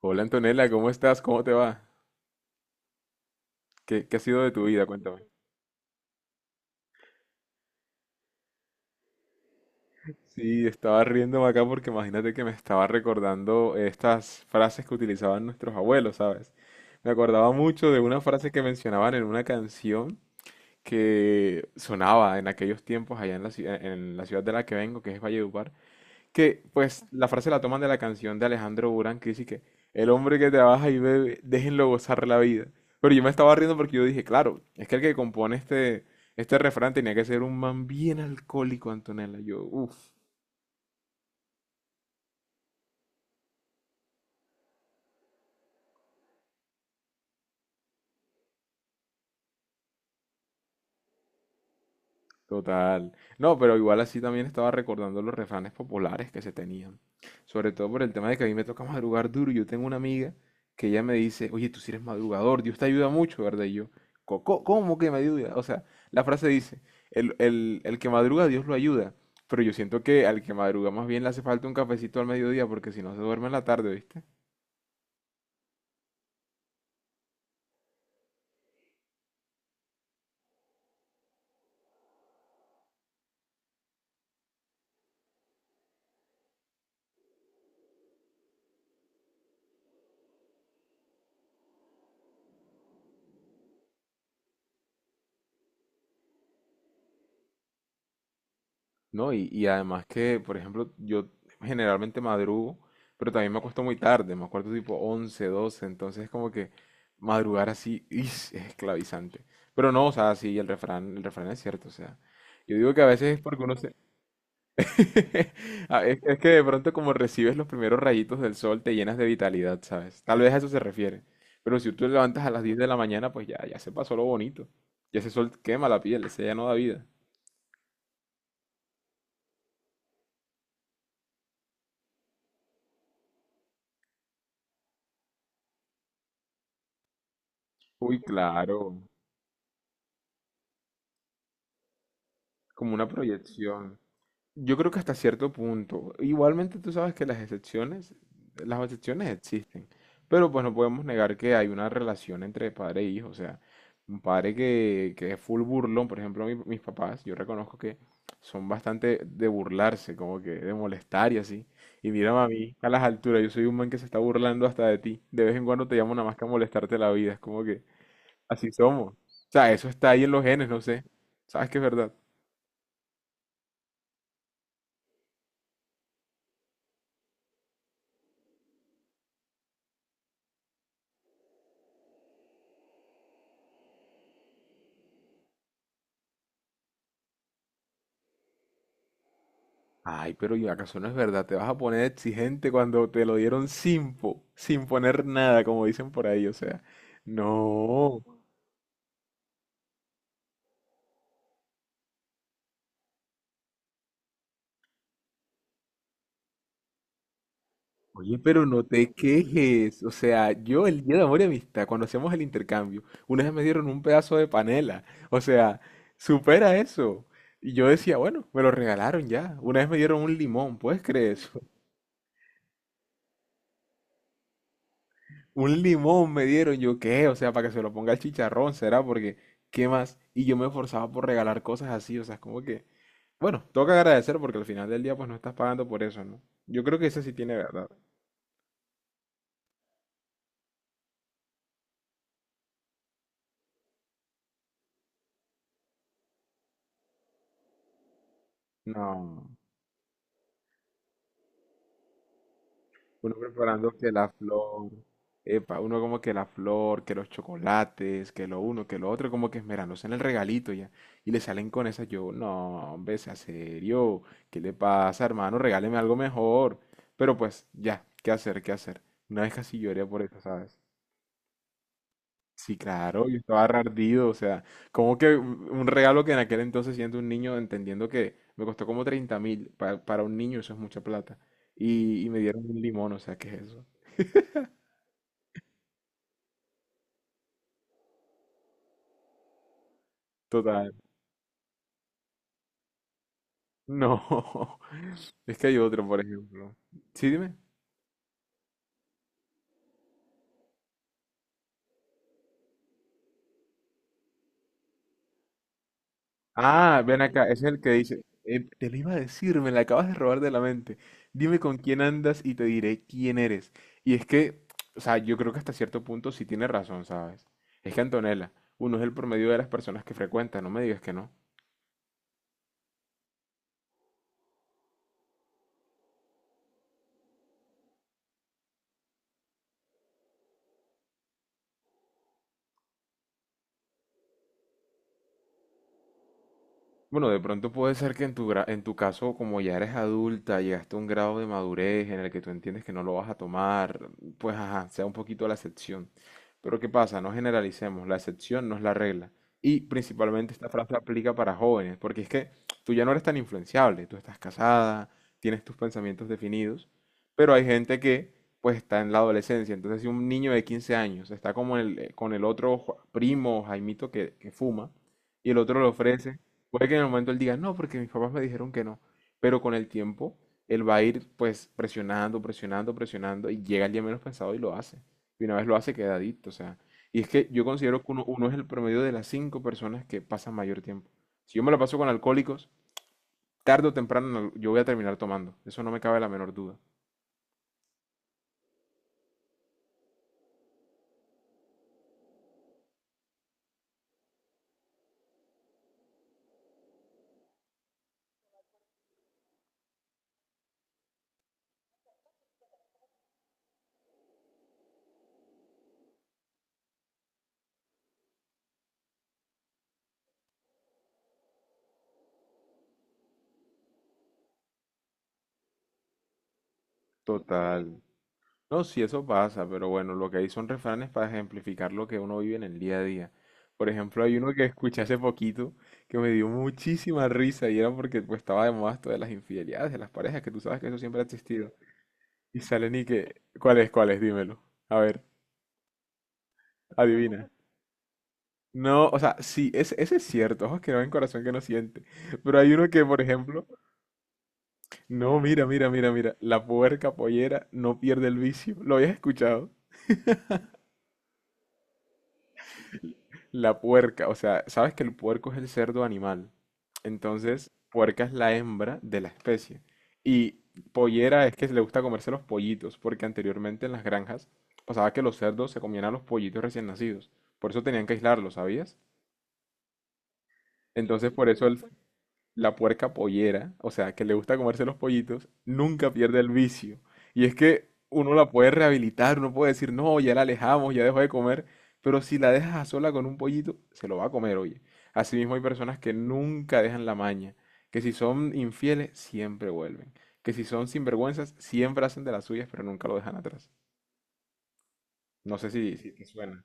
Hola Antonella, ¿cómo estás? ¿Cómo te va? ¿Qué ha sido de tu vida? Cuéntame. Sí, estaba riéndome acá porque imagínate que me estaba recordando estas frases que utilizaban nuestros abuelos, ¿sabes? Me acordaba mucho de una frase que mencionaban en una canción que sonaba en aquellos tiempos allá en la ciudad de la que vengo, que es Valledupar, que pues la frase la toman de la canción de Alejandro Burán que dice que el hombre que trabaja y bebe, déjenlo gozar la vida. Pero yo me estaba riendo porque yo dije, claro, es que el que compone este refrán tenía que ser un man bien alcohólico, Antonella. Yo, uff, total. No, pero igual así también estaba recordando los refranes populares que se tenían. Sobre todo por el tema de que a mí me toca madrugar duro. Yo tengo una amiga que ella me dice, oye, tú sí eres madrugador, Dios te ayuda mucho, ¿verdad? Y yo, ¿cómo que me ayuda? O sea, la frase dice, el que madruga, Dios lo ayuda". Pero yo siento que al que madruga más bien le hace falta un cafecito al mediodía porque si no se duerme en la tarde, ¿viste? No, y además que, por ejemplo, yo generalmente madrugo, pero también me acuesto muy tarde, me acuerdo tipo 11, 12, entonces es como que madrugar así ¡is! Es esclavizante. Pero no, o sea, sí, el refrán es cierto, o sea, yo digo que a veces es porque uno se... Ah, es que de pronto como recibes los primeros rayitos del sol te llenas de vitalidad, ¿sabes? Tal vez a eso se refiere. Pero si tú te levantas a las 10 de la mañana, pues ya, ya se pasó lo bonito. Ya ese sol quema la piel, ese ya no da vida. Uy, claro, como una proyección. Yo creo que hasta cierto punto. Igualmente tú sabes que las excepciones existen, pero pues no podemos negar que hay una relación entre padre e hijo. O sea, un padre que es full burlón, por ejemplo, mis papás, yo reconozco que son bastante de burlarse, como que de molestar y así. Y mírame a mí, a las alturas, yo soy un man que se está burlando hasta de ti. De vez en cuando te llamo nada más que a molestarte la vida, es como que así somos. O sea, eso está ahí en los genes, no sé. ¿Sabes que es verdad? Ay, pero ¿y acaso no es verdad? Te vas a poner exigente cuando te lo dieron sin, sin poner nada, como dicen por ahí, o sea. No. Oye, pero no te quejes. O sea, yo el día de amor y amistad, cuando hacíamos el intercambio, una vez me dieron un pedazo de panela. O sea, supera eso. Y yo decía, bueno, me lo regalaron ya. Una vez me dieron un limón, ¿puedes creer eso? Un limón me dieron, yo qué, o sea, para que se lo ponga el chicharrón, será porque, ¿qué más? Y yo me esforzaba por regalar cosas así, o sea, es como que... Bueno, tengo que agradecer porque al final del día pues no estás pagando por eso, ¿no? Yo creo que eso sí tiene verdad. No, uno preparando que la flor, epa, uno como que la flor, que los chocolates, que lo uno, que lo otro, como que esmerándose en el regalito ya. Y le salen con esa, yo, no, hombre, sea serio, ¿qué le pasa, hermano? Regáleme algo mejor. Pero pues, ya, ¿qué hacer, qué hacer? Una vez casi lloré por eso, ¿sabes? Sí, claro, yo estaba re ardido, o sea, como que un regalo que en aquel entonces siendo un niño, entendiendo que me costó como 30.000, para un niño eso es mucha plata, y me dieron un limón, o sea, ¿qué es eso? Total. No, es que hay otro, por ejemplo. Sí, dime. Ah, ven acá, ese es el que dice, te lo iba a decir, me la acabas de robar de la mente. Dime con quién andas y te diré quién eres. Y es que, o sea, yo creo que hasta cierto punto sí tiene razón, ¿sabes? Es que Antonella, uno es el promedio de las personas que frecuenta, no me digas que no. Bueno, de pronto puede ser que en tu, en tu caso, como ya eres adulta, llegaste a un grado de madurez en el que tú entiendes que no lo vas a tomar, pues ajá, sea un poquito la excepción. Pero ¿qué pasa? No generalicemos, la excepción no es la regla. Y principalmente esta frase aplica para jóvenes, porque es que tú ya no eres tan influenciable, tú estás casada, tienes tus pensamientos definidos, pero hay gente que pues está en la adolescencia. Entonces, si un niño de 15 años está como con el otro primo, Jaimito, que fuma, y el otro le ofrece... Puede que en el momento él diga, no, porque mis papás me dijeron que no. Pero con el tiempo, él va a ir pues presionando, presionando, presionando y llega el día menos pensado y lo hace. Y una vez lo hace, queda adicto. O sea, y es que yo considero que uno es el promedio de las cinco personas que pasan mayor tiempo. Si yo me lo paso con alcohólicos, tarde o temprano yo voy a terminar tomando. Eso no me cabe la menor duda. Total. No, sí, eso pasa, pero bueno, lo que hay son refranes para ejemplificar lo que uno vive en el día a día. Por ejemplo, hay uno que escuché hace poquito que me dio muchísima risa y era porque pues, estaba de moda esto de las infidelidades de las parejas, que tú sabes que eso siempre ha existido. Y salen y que, ¿cuál es? Dímelo. A ver, adivina. No, o sea, sí, ese es cierto, ojos que no ven, corazón que no siente. Pero hay uno que, por ejemplo, no, mira, mira, mira, mira, la puerca pollera no pierde el vicio. ¿Lo habías escuchado? La puerca, o sea, sabes que el puerco es el cerdo animal. Entonces, puerca es la hembra de la especie. Y pollera es que le gusta comerse los pollitos, porque anteriormente en las granjas pasaba que los cerdos se comían a los pollitos recién nacidos. Por eso tenían que aislarlos, ¿sabías? Entonces, por eso la puerca pollera, o sea, que le gusta comerse los pollitos, nunca pierde el vicio. Y es que uno la puede rehabilitar, uno puede decir, no, ya la alejamos, ya dejó de comer, pero si la dejas a sola con un pollito, se lo va a comer, oye. Asimismo hay personas que nunca dejan la maña, que si son infieles, siempre vuelven, que si son sinvergüenzas, siempre hacen de las suyas, pero nunca lo dejan atrás. No sé si te suena.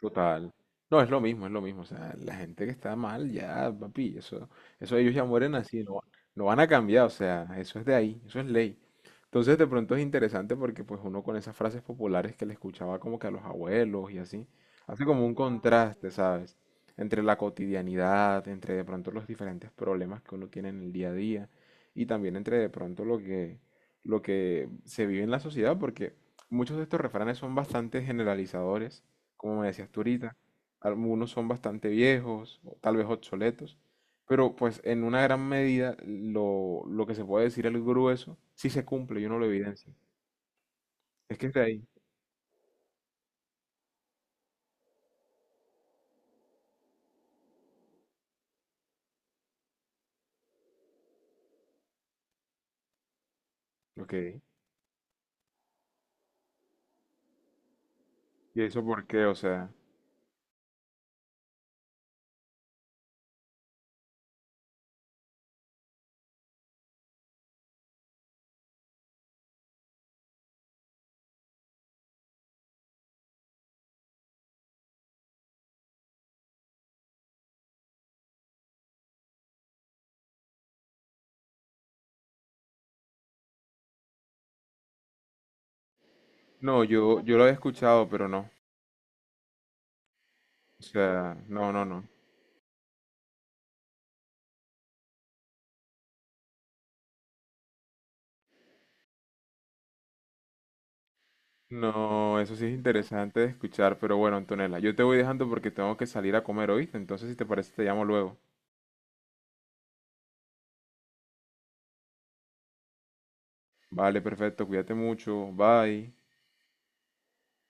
Total. No, es lo mismo, es lo mismo. O sea, la gente que está mal, ya, papi, eso ellos ya mueren así, no, no van a cambiar, o sea, eso es de ahí, eso es ley. Entonces, de pronto es interesante porque pues uno con esas frases populares que le escuchaba como que a los abuelos y así, hace como un contraste, ¿sabes? Entre la cotidianidad, entre de pronto los diferentes problemas que uno tiene en el día a día y también entre de pronto lo que se vive en la sociedad, porque muchos de estos refranes son bastante generalizadores como me decías tú ahorita. Algunos son bastante viejos, o tal vez obsoletos, pero pues en una gran medida lo que se puede decir el grueso sí se cumple y uno lo evidencia. Es que está ahí. Ok. ¿Y eso por qué? O sea, no, yo lo había escuchado, pero no. O sea, no, no, no. No, eso sí es interesante de escuchar, pero bueno, Antonella, yo te voy dejando porque tengo que salir a comer, ¿oíste? Entonces, si te parece, te llamo luego. Vale, perfecto, cuídate mucho, bye.